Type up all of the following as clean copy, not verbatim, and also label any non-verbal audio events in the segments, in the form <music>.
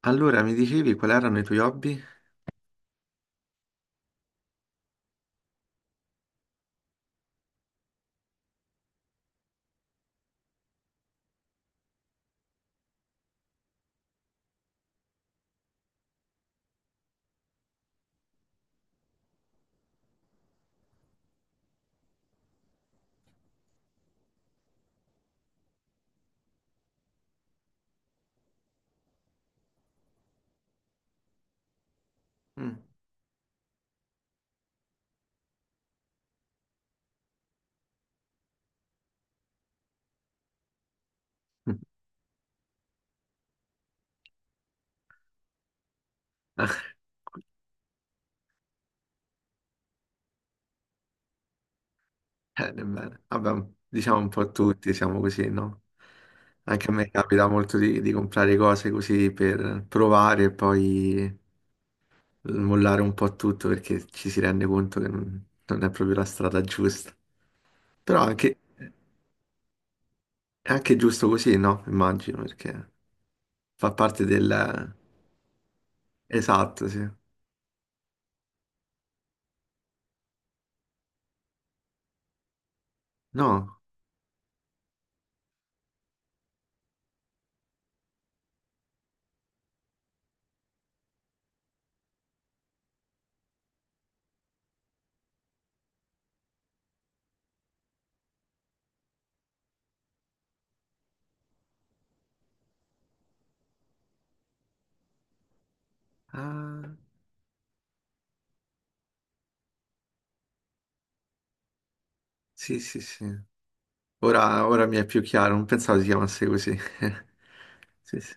Allora, mi dicevi quali erano i tuoi hobby? Mm. <laughs> Ah, bene, bene. Vabbè, diciamo un po' tutti, siamo così, no? Anche a me capita molto di comprare cose così per provare e poi mollare un po' tutto perché ci si rende conto che non, non è proprio la strada giusta. Però anche, è anche giusto così, no? Immagino, perché fa parte del... Esatto, sì. No? Ah, sì, sì, sì. Ora, ora mi è più chiaro, non pensavo si chiamasse così. <laughs> Sì, sì.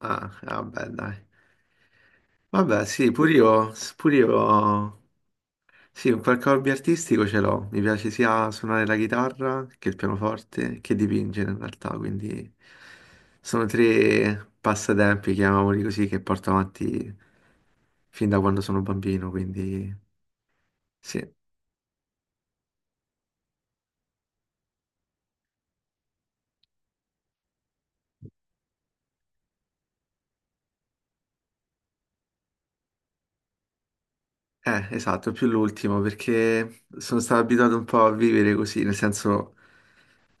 Ah, ah, vabbè, dai. Vabbè, sì, pure io, sì, un qualche hobby artistico ce l'ho. Mi piace sia suonare la chitarra che il pianoforte, che dipingere in realtà, quindi sono tre passatempi, chiamiamoli così, che porto avanti fin da quando sono bambino, quindi sì. Esatto, più l'ultimo, perché sono stato abituato un po' a vivere così, nel senso,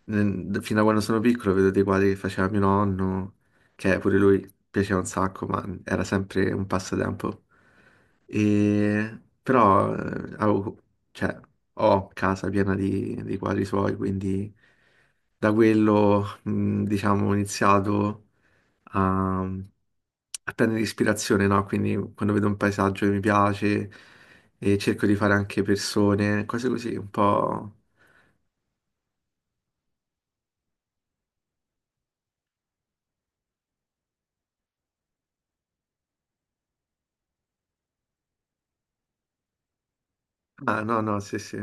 fino a quando sono piccolo vedo dei quadri che faceva mio nonno, che pure lui piaceva un sacco, ma era sempre un passatempo. E, però, cioè, ho casa piena di quadri suoi, quindi da quello, diciamo, ho iniziato a, a prendere ispirazione, no? Quindi quando vedo un paesaggio che mi piace e cerco di fare anche persone, cose così, un po'... Ah, no, no, sì, sì.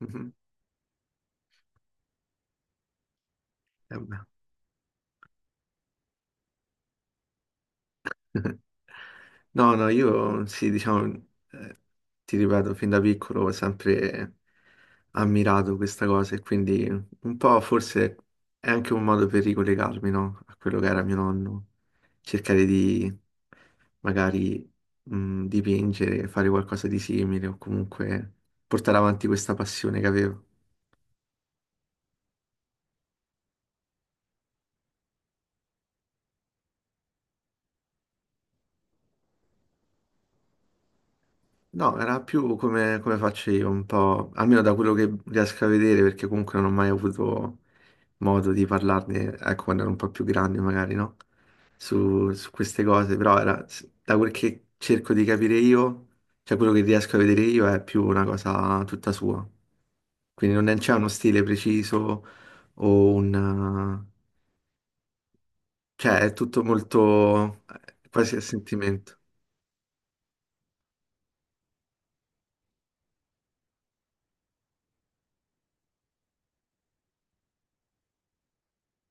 Mhm. Eh beh. <laughs> No, no, io sì, diciamo, eh, ti ripeto, fin da piccolo ho sempre ammirato questa cosa e quindi un po' forse è anche un modo per ricollegarmi, no? A quello che era mio nonno, cercare di magari dipingere, fare qualcosa di simile o comunque portare avanti questa passione che avevo. No, era più come, come faccio io, un po', almeno da quello che riesco a vedere, perché comunque non ho mai avuto modo di parlarne, ecco, quando ero un po' più grande, magari, no? Su, su queste cose, però era, da quel che cerco di capire io, cioè quello che riesco a vedere io è più una cosa tutta sua. Quindi non è- c'è uno stile preciso o un... cioè è tutto molto quasi a sentimento.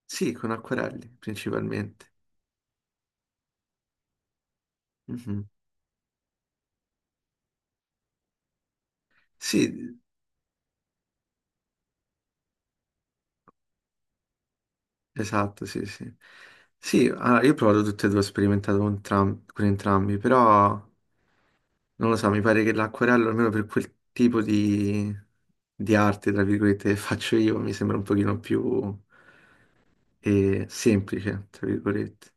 Sì, con acquerelli principalmente. Mhm. Sì, esatto, sì, sì. Sì, allora, io ho provato tutte e due, ho sperimentato con entrambi, però non lo so, mi pare che l'acquerello, almeno per quel tipo di arte, tra virgolette, che faccio io, mi sembra un pochino più semplice, tra virgolette.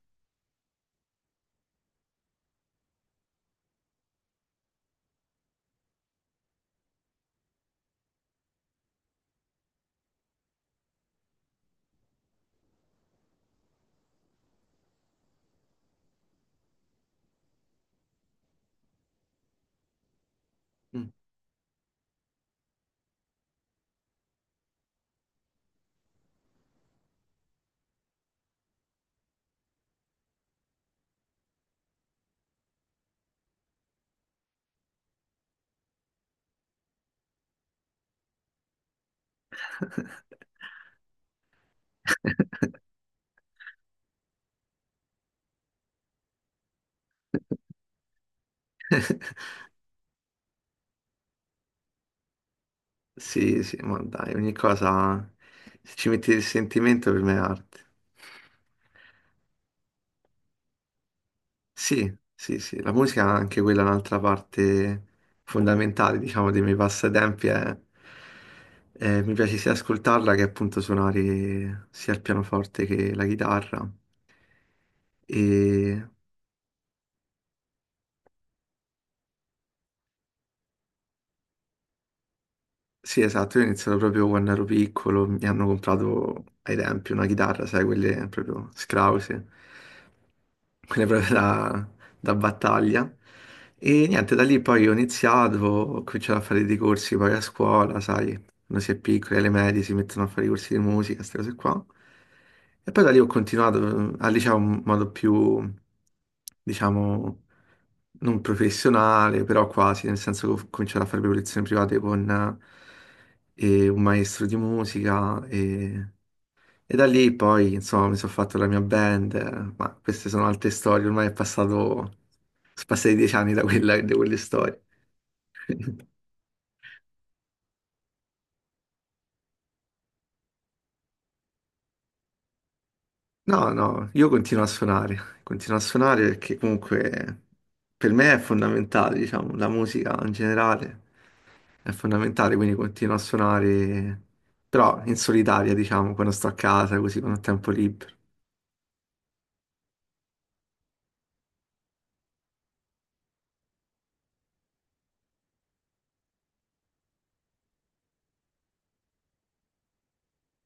Mm. Sì, sì, ma dai, ogni cosa, se ci metti il sentimento, per me è arte. Sì, sì, sì, la musica è anche quella un'altra parte fondamentale, diciamo, dei miei passatempi. Mi piace sia ascoltarla che appunto suonare sia il pianoforte che la chitarra. E sì, esatto, io ho iniziato proprio quando ero piccolo, mi hanno comprato ai tempi una chitarra, sai, quelle proprio scrause, quelle proprio da, da battaglia. E niente, da lì poi ho iniziato, ho cominciato a fare dei corsi poi a scuola, sai, quando si è piccoli, alle medie si mettono a fare i corsi di musica, queste cose qua. E poi da lì ho continuato al liceo in modo più, diciamo, non professionale, però quasi, nel senso che ho cominciato a fare le lezioni private con un maestro di musica e da lì poi, insomma, mi sono fatto la mia band, ma queste sono altre storie, ormai è passato, sono passati dieci anni da quelle storie. <laughs> No, no, io continuo a suonare perché comunque per me è fondamentale, diciamo, la musica in generale è fondamentale, quindi continuo a suonare, però in solitaria, diciamo, quando sto a casa, così quando ho tempo libero.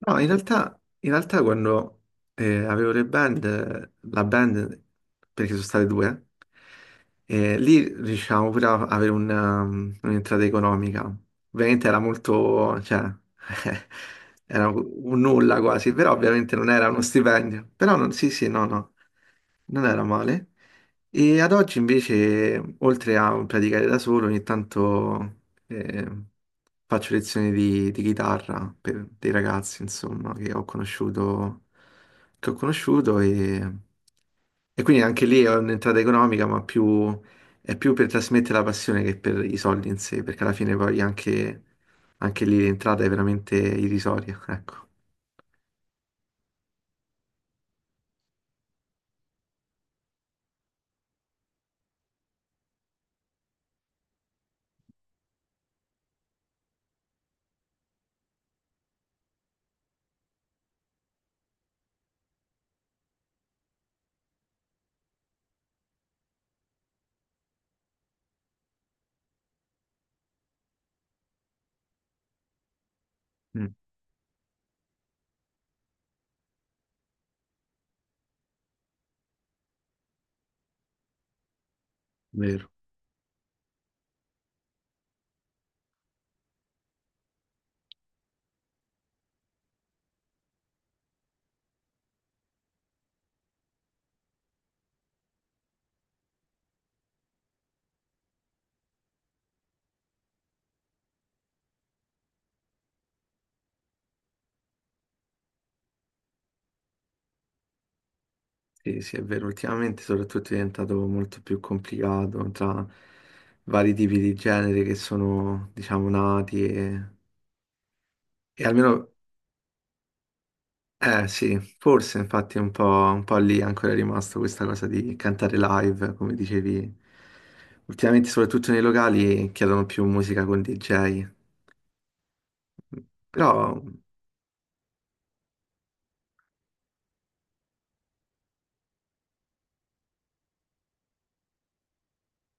No, in realtà quando la band, perché sono state due, lì riuscivamo pure a avere un'entrata economica. Ovviamente era molto, cioè, <laughs> era un nulla quasi, però ovviamente non era uno stipendio. Però non, sì, sì, no, no, non era male. E ad oggi invece, oltre a praticare da solo, ogni tanto... E faccio lezioni di chitarra per dei ragazzi, insomma, che ho conosciuto e quindi anche lì è un'entrata economica, è più per trasmettere la passione che per i soldi in sé, perché alla fine poi anche, anche lì l'entrata è veramente irrisoria, <laughs> ecco. Mm, vero, sì, sì, è vero. Ultimamente soprattutto è diventato molto più complicato tra vari tipi di genere che sono, diciamo, nati e almeno eh sì, forse infatti un po' lì ancora è rimasto questa cosa di cantare live, come dicevi. Ultimamente, soprattutto nei locali, chiedono più musica con DJ. Però,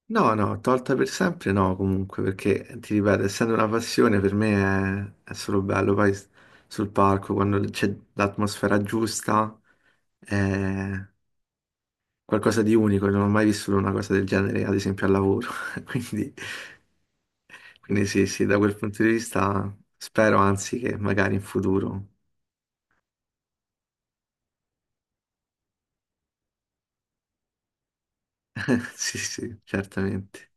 no, no, tolta per sempre no, comunque, perché ti ripeto, essendo una passione, per me è solo bello. Poi sul palco, quando c'è l'atmosfera giusta, eh, qualcosa di unico, non ho mai vissuto una cosa del genere, ad esempio al lavoro. <laughs> Quindi, quindi sì, sì, da quel punto di vista spero, anzi, che magari in futuro. <laughs> Sì, sì, certamente.